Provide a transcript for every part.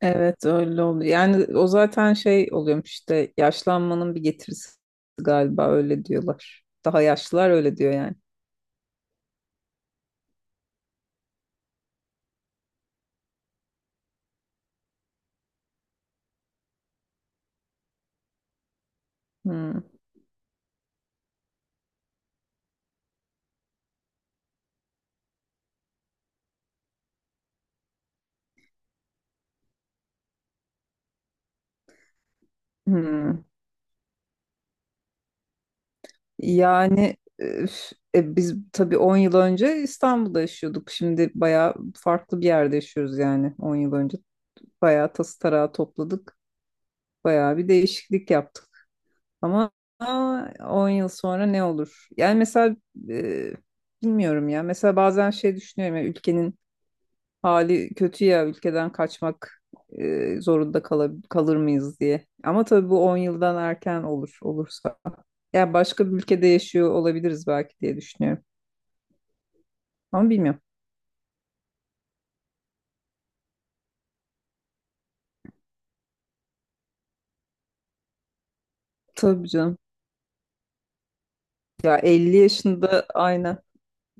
Evet, öyle oluyor. Yani o zaten şey oluyormuş işte, yaşlanmanın bir getirisi galiba, öyle diyorlar. Daha yaşlılar öyle diyor yani. Hmm, hmm. Yani biz tabii 10 yıl önce İstanbul'da yaşıyorduk. Şimdi bayağı farklı bir yerde yaşıyoruz, yani 10 yıl önce. Bayağı tası tarağı topladık. Bayağı bir değişiklik yaptık. Ama 10 yıl sonra ne olur? Yani mesela, e, bilmiyorum ya. Mesela bazen şey düşünüyorum ya, ülkenin hali kötü ya, ülkeden kaçmak zorunda kalır mıyız diye. Ama tabii bu 10 yıldan erken olur olursa. Yani başka bir ülkede yaşıyor olabiliriz belki diye düşünüyorum. Ama bilmiyorum. Tabii canım. Ya 50 yaşında aynen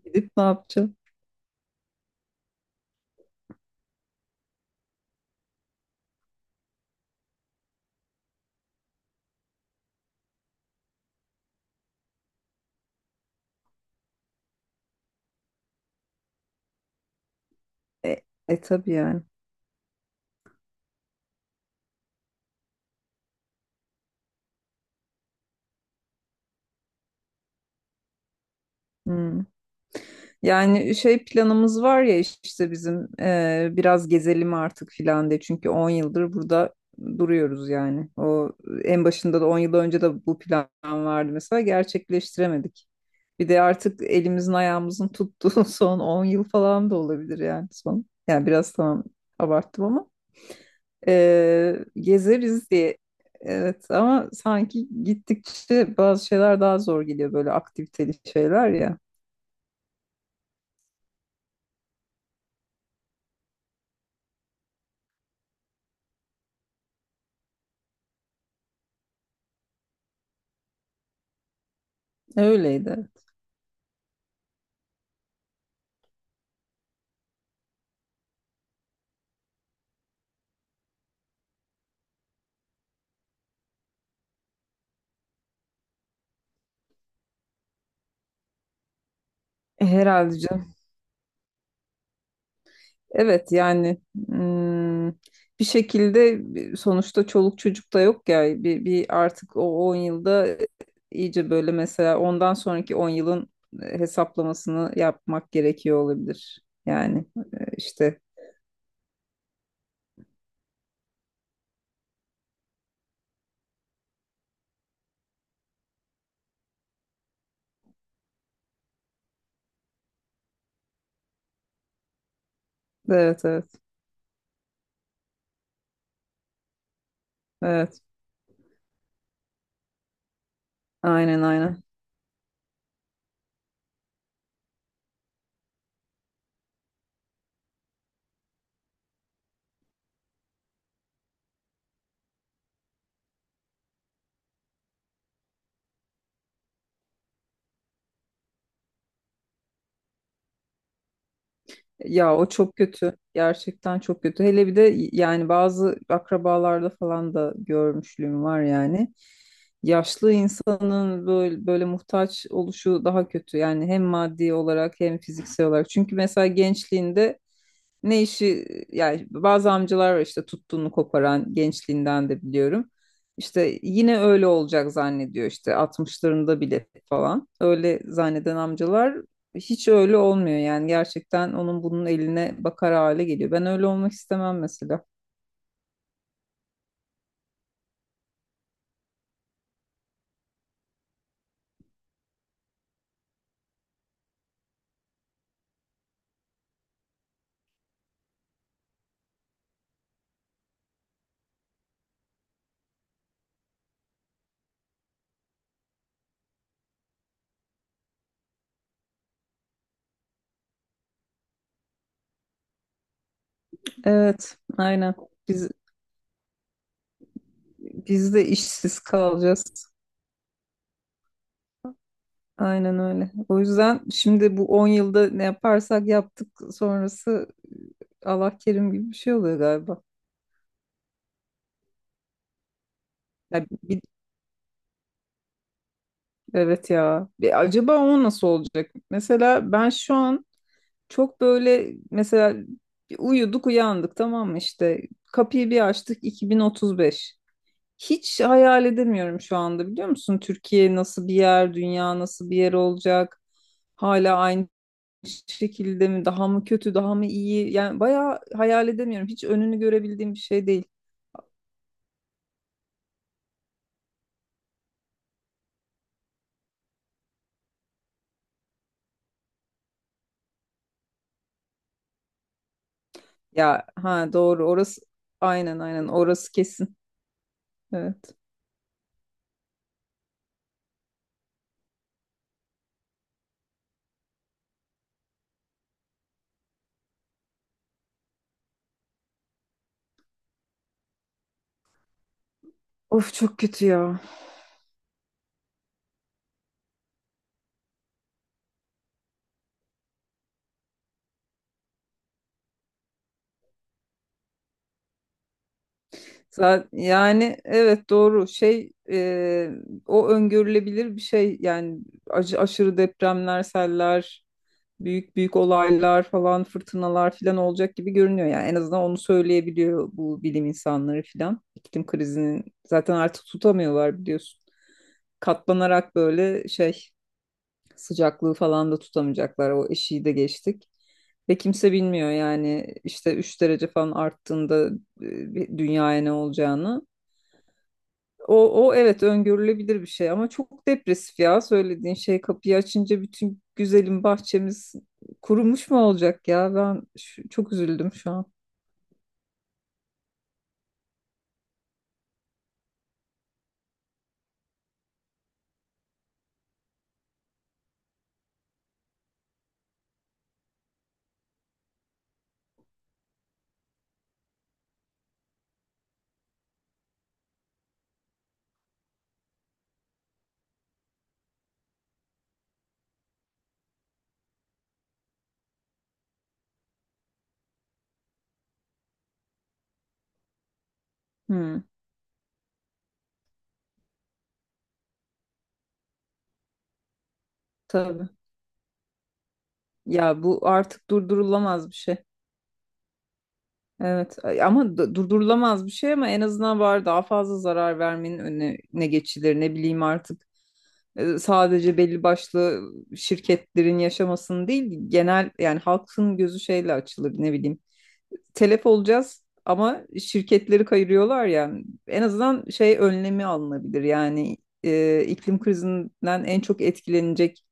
gidip ne yapacağım? E, tabii yani. Hmm. Yani şey, planımız var ya işte bizim, biraz gezelim artık filan de, çünkü 10 yıldır burada duruyoruz yani. O en başında da, 10 yıl önce de bu plan vardı mesela, gerçekleştiremedik. Bir de artık elimizin ayağımızın tuttuğu son 10 yıl falan da olabilir yani, son. Yani biraz, tamam abarttım ama gezeriz diye. Evet, ama sanki gittikçe bazı şeyler daha zor geliyor, böyle aktiviteli şeyler ya. Öyleydi. Herhalde canım. Evet yani, mm, bir şekilde sonuçta çoluk çocuk da yok ya, bir artık o 10 yılda iyice böyle, mesela ondan sonraki 10 yılın hesaplamasını yapmak gerekiyor olabilir. Yani işte, evet evet evet, aynen aynen. Ya, o çok kötü. Gerçekten çok kötü. Hele bir de, yani bazı akrabalarda falan da görmüşlüğüm var yani. Yaşlı insanın böyle, böyle muhtaç oluşu daha kötü. Yani hem maddi olarak hem fiziksel olarak. Çünkü mesela gençliğinde ne işi, yani bazı amcalar var işte, tuttuğunu koparan, gençliğinden de biliyorum. İşte yine öyle olacak zannediyor, işte 60'larında bile falan. Öyle zanneden amcalar hiç öyle olmuyor yani, gerçekten onun bunun eline bakar hale geliyor. Ben öyle olmak istemem mesela. Evet, aynen. Biz biz de işsiz kalacağız. Aynen öyle. O yüzden şimdi bu 10 yılda ne yaparsak yaptık, sonrası Allah kerim gibi bir şey oluyor galiba. Ya bir Evet ya. Acaba o nasıl olacak? Mesela ben şu an çok böyle, mesela uyuduk uyandık, tamam mı, işte kapıyı bir açtık, 2035. Hiç hayal edemiyorum şu anda, biliyor musun? Türkiye nasıl bir yer, dünya nasıl bir yer olacak? Hala aynı şekilde mi, daha mı kötü daha mı iyi, yani bayağı hayal edemiyorum, hiç önünü görebildiğim bir şey değil. Ya, ha doğru orası, aynen aynen, orası kesin. Evet. Of çok kötü ya. Yani evet, doğru şey, o öngörülebilir bir şey yani, aşırı depremler, seller, büyük büyük olaylar falan, fırtınalar falan olacak gibi görünüyor yani, en azından onu söyleyebiliyor bu bilim insanları falan. İklim krizinin zaten artık tutamıyorlar biliyorsun. Katlanarak böyle şey, sıcaklığı falan da tutamayacaklar. O eşiği de geçtik. Ve kimse bilmiyor yani işte 3 derece falan arttığında, bir dünyaya ne olacağını. O evet, öngörülebilir bir şey ama çok depresif ya söylediğin şey, kapıyı açınca bütün güzelim bahçemiz kurumuş mu olacak ya, ben çok üzüldüm şu an. Hmm, tabii. Ya, bu artık durdurulamaz bir şey. Evet ama, durdurulamaz bir şey, ama en azından var, daha fazla zarar vermenin önüne ne geçilir, ne bileyim artık. Sadece belli başlı şirketlerin yaşamasını değil, genel yani halkın gözü şeyle açılır, ne bileyim. Telef olacağız ama şirketleri kayırıyorlar ya. En azından şey önlemi alınabilir. Yani iklim krizinden en çok etkilenecek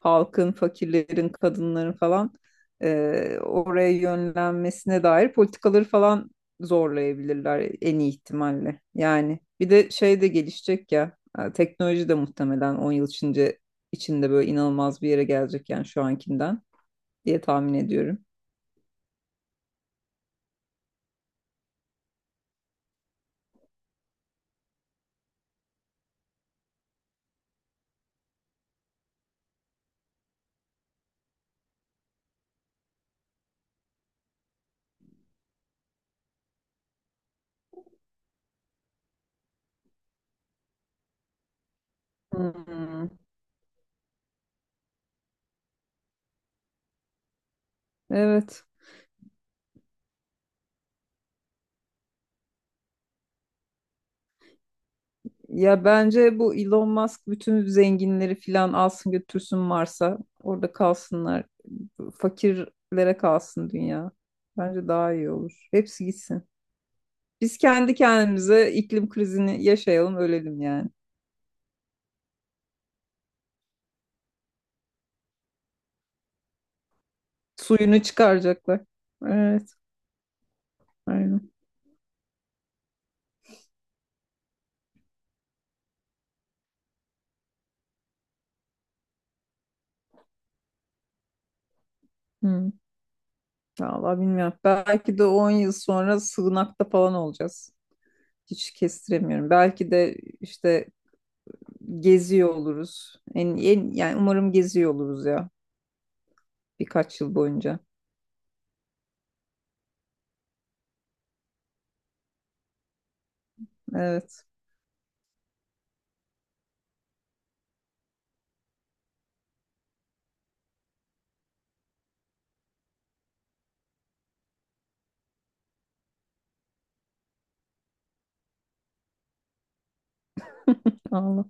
halkın, fakirlerin, kadınların falan, oraya yönlenmesine dair politikaları falan zorlayabilirler en iyi ihtimalle. Yani bir de şey de gelişecek ya. Teknoloji de muhtemelen 10 yıl içinde böyle inanılmaz bir yere gelecek yani, şu ankinden diye tahmin ediyorum. Hmm. Evet. Ya bence bu Elon Musk bütün zenginleri filan alsın götürsün Mars'a. Orada kalsınlar. Fakirlere kalsın dünya. Bence daha iyi olur. Hepsi gitsin. Biz kendi kendimize iklim krizini yaşayalım, ölelim yani. Suyunu çıkaracaklar. Evet, aynen. Hı. Vallahi bilmiyorum. Belki de 10 yıl sonra sığınakta falan olacağız. Hiç kestiremiyorum. Belki de işte geziyor oluruz. Yani umarım geziyor oluruz ya, birkaç yıl boyunca. Evet. Allah.